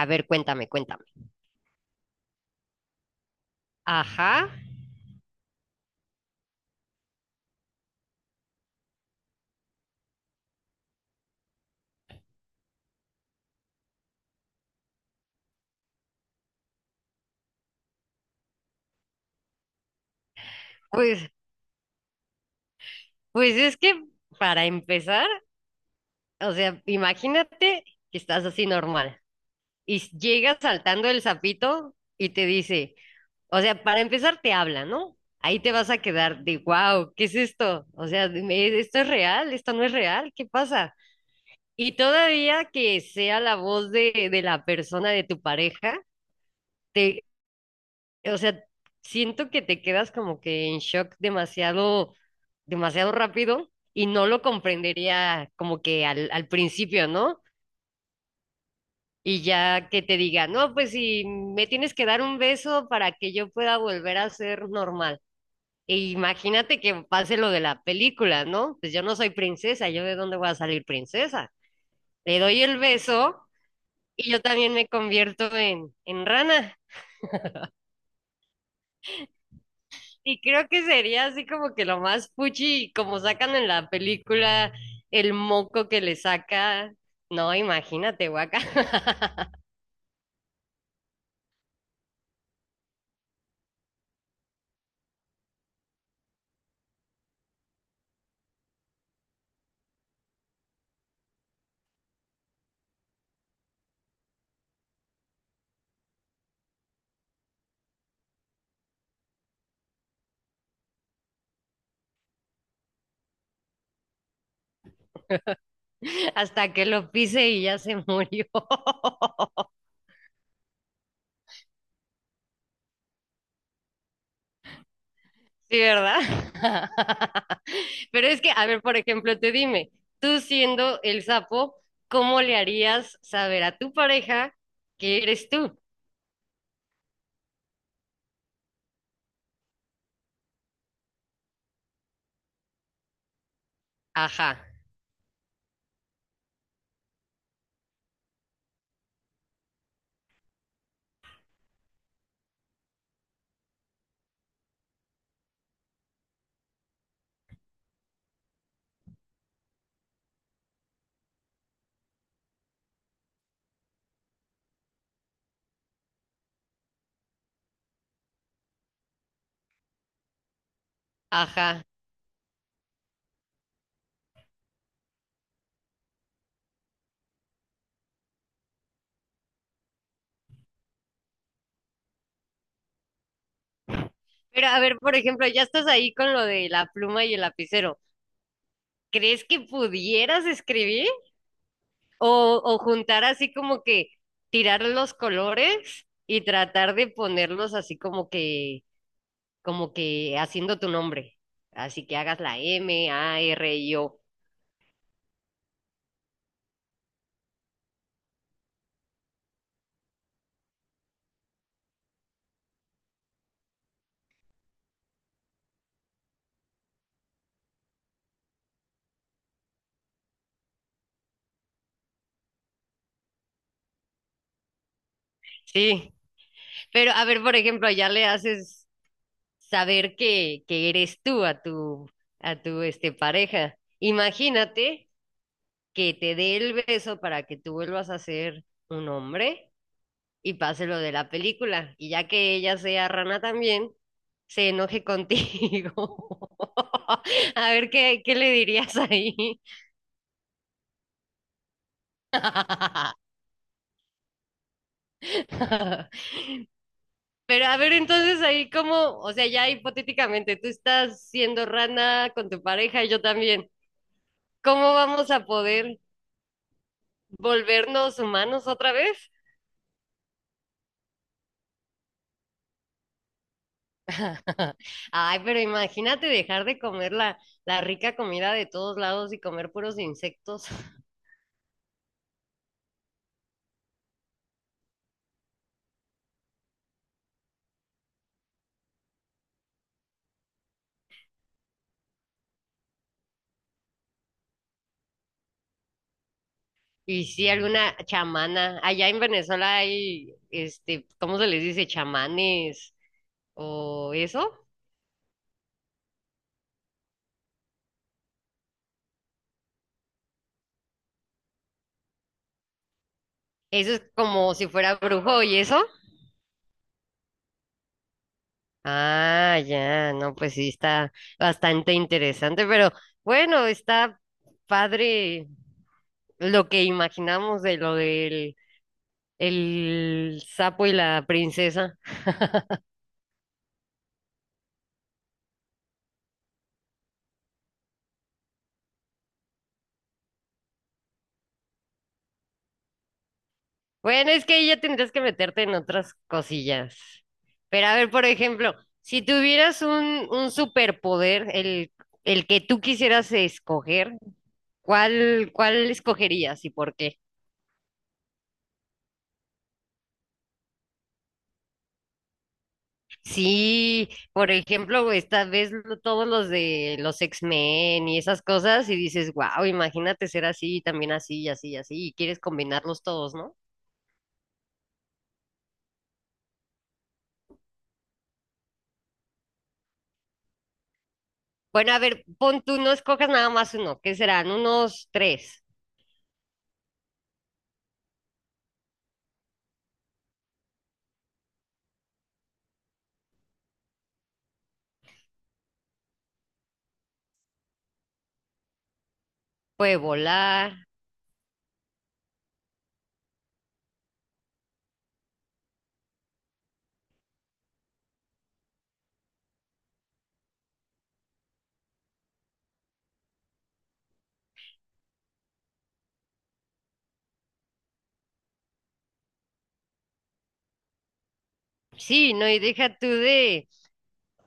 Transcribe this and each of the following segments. A ver, cuéntame, cuéntame. Ajá. Pues, pues es que para empezar, o sea, imagínate que estás así normal y llega saltando el sapito y te dice, o sea, para empezar te habla, ¿no? Ahí te vas a quedar de, wow, ¿qué es esto? O sea, dime, ¿esto es real? ¿Esto no es real? ¿Qué pasa? Y todavía que sea la voz de la persona de tu pareja, te, o sea, siento que te quedas como que en shock demasiado, demasiado rápido y no lo comprendería como que al principio, ¿no? Y ya que te diga, no, pues si me tienes que dar un beso para que yo pueda volver a ser normal. E imagínate que pase lo de la película, ¿no? Pues yo no soy princesa, ¿yo de dónde voy a salir princesa? Le doy el beso y yo también me convierto en rana. Y creo que sería así como que lo más fuchi, como sacan en la película el moco que le saca. No, imagínate, guaca. Hasta que lo pise y ya se murió. Sí, ¿verdad? Pero es que, a ver, por ejemplo, te dime, tú siendo el sapo, ¿cómo le harías saber a tu pareja que eres tú? Ajá, ajá. Pero a ver, por ejemplo, ya estás ahí con lo de la pluma y el lapicero. ¿Crees que pudieras escribir? O juntar así como que tirar los colores y tratar de ponerlos así como que haciendo tu nombre. Así que hagas la MARIO. Sí. Pero a ver, por ejemplo, ya le haces saber que eres tú a tu este, pareja. Imagínate que te dé el beso para que tú vuelvas a ser un hombre y pase lo de la película. Y ya que ella sea rana también, se enoje contigo. A ver qué, qué le dirías ahí. Pero a ver, entonces ahí como, o sea, ya hipotéticamente, tú estás siendo rana con tu pareja y yo también. ¿Cómo vamos a poder volvernos humanos otra vez? Ay, pero imagínate dejar de comer la, la rica comida de todos lados y comer puros insectos. Y sí, alguna chamana. Allá en Venezuela hay, este, ¿cómo se les dice? Chamanes o eso. Eso es como si fuera brujo y eso. Ah, ya, no, pues sí, está bastante interesante, pero bueno, está padre lo que imaginamos de lo del el sapo y la princesa. Bueno, es que ahí ya tendrías que meterte en otras cosillas. Pero a ver, por ejemplo, si tuvieras un superpoder, el que tú quisieras escoger, ¿cuál, cuál escogerías y por qué? Sí, por ejemplo, esta vez todos los de los X-Men y esas cosas, y dices, wow, imagínate ser así, también así, y así, y así, y quieres combinarlos todos, ¿no? Bueno, a ver, pon tú, no escojas nada más uno, ¿qué serán? Unos tres. Puede volar. Sí, no, y deja tú de,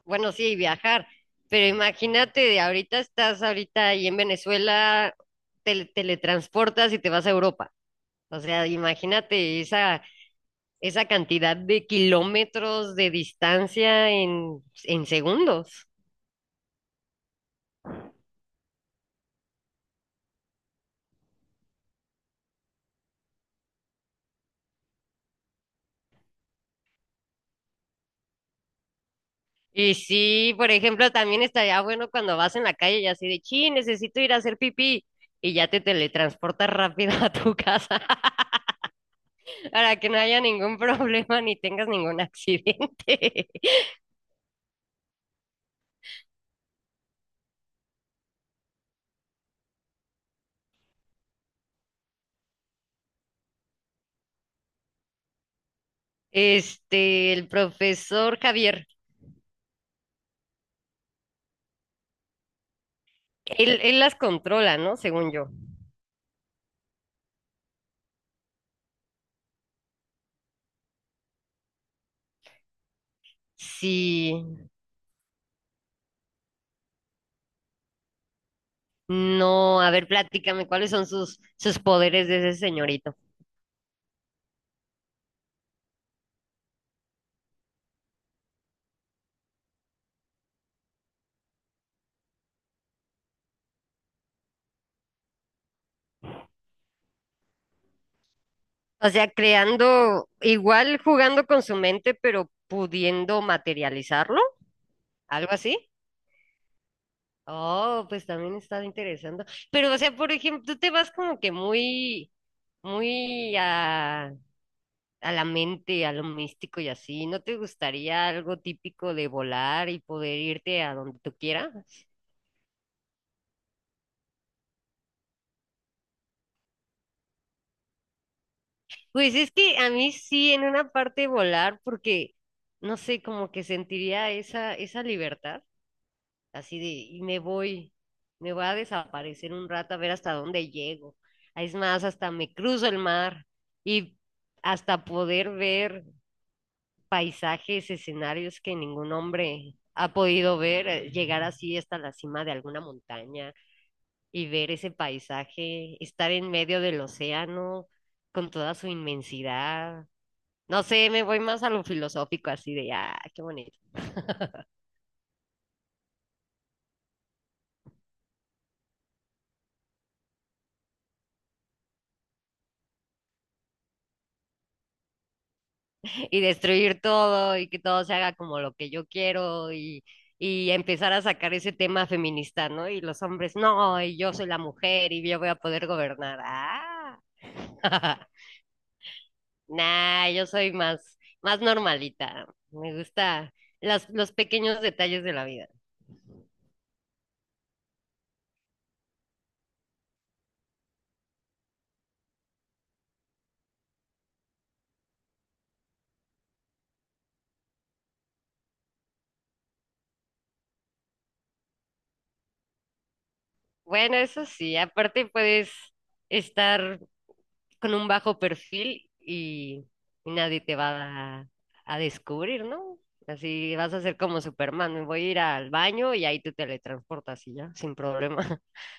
bueno, sí, viajar, pero imagínate de ahorita estás ahorita ahí en Venezuela, te teletransportas y te vas a Europa. O sea, imagínate esa, esa cantidad de kilómetros de distancia en segundos. Y sí, por ejemplo, también estaría bueno cuando vas en la calle y así de, sí, necesito ir a hacer pipí. Y ya te teletransportas rápido a tu casa para que no haya ningún problema ni tengas ningún accidente. Este, el profesor Javier, él las controla, ¿no? Según yo. Sí, no, a ver, platícame, ¿cuáles son sus, sus poderes de ese señorito? O sea, creando, igual jugando con su mente, pero pudiendo materializarlo, algo así. Oh, pues también está interesante. Pero, o sea, por ejemplo, tú te vas como que muy, muy, a la mente, a lo místico y así. ¿No te gustaría algo típico de volar y poder irte a donde tú quieras? Pues es que a mí sí, en una parte volar, porque no sé, como que sentiría esa, esa libertad, así de, y me voy a desaparecer un rato a ver hasta dónde llego. Es más, hasta me cruzo el mar y hasta poder ver paisajes, escenarios que ningún hombre ha podido ver, llegar así hasta la cima de alguna montaña y ver ese paisaje, estar en medio del océano con toda su inmensidad. No sé, me voy más a lo filosófico, así de, ah, qué bonito. Y destruir todo y que todo se haga como lo que yo quiero y empezar a sacar ese tema feminista, ¿no? Y los hombres, no, y yo soy la mujer y yo voy a poder gobernar. Ah. Nah, yo soy más, más normalita. Me gusta las, los pequeños detalles de la vida. Bueno, eso sí, aparte puedes estar con un bajo perfil y nadie te va a descubrir, ¿no? Así vas a ser como Superman, me voy a ir al baño y ahí te teletransportas y ya, sin problema.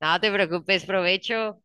No te preocupes, provecho.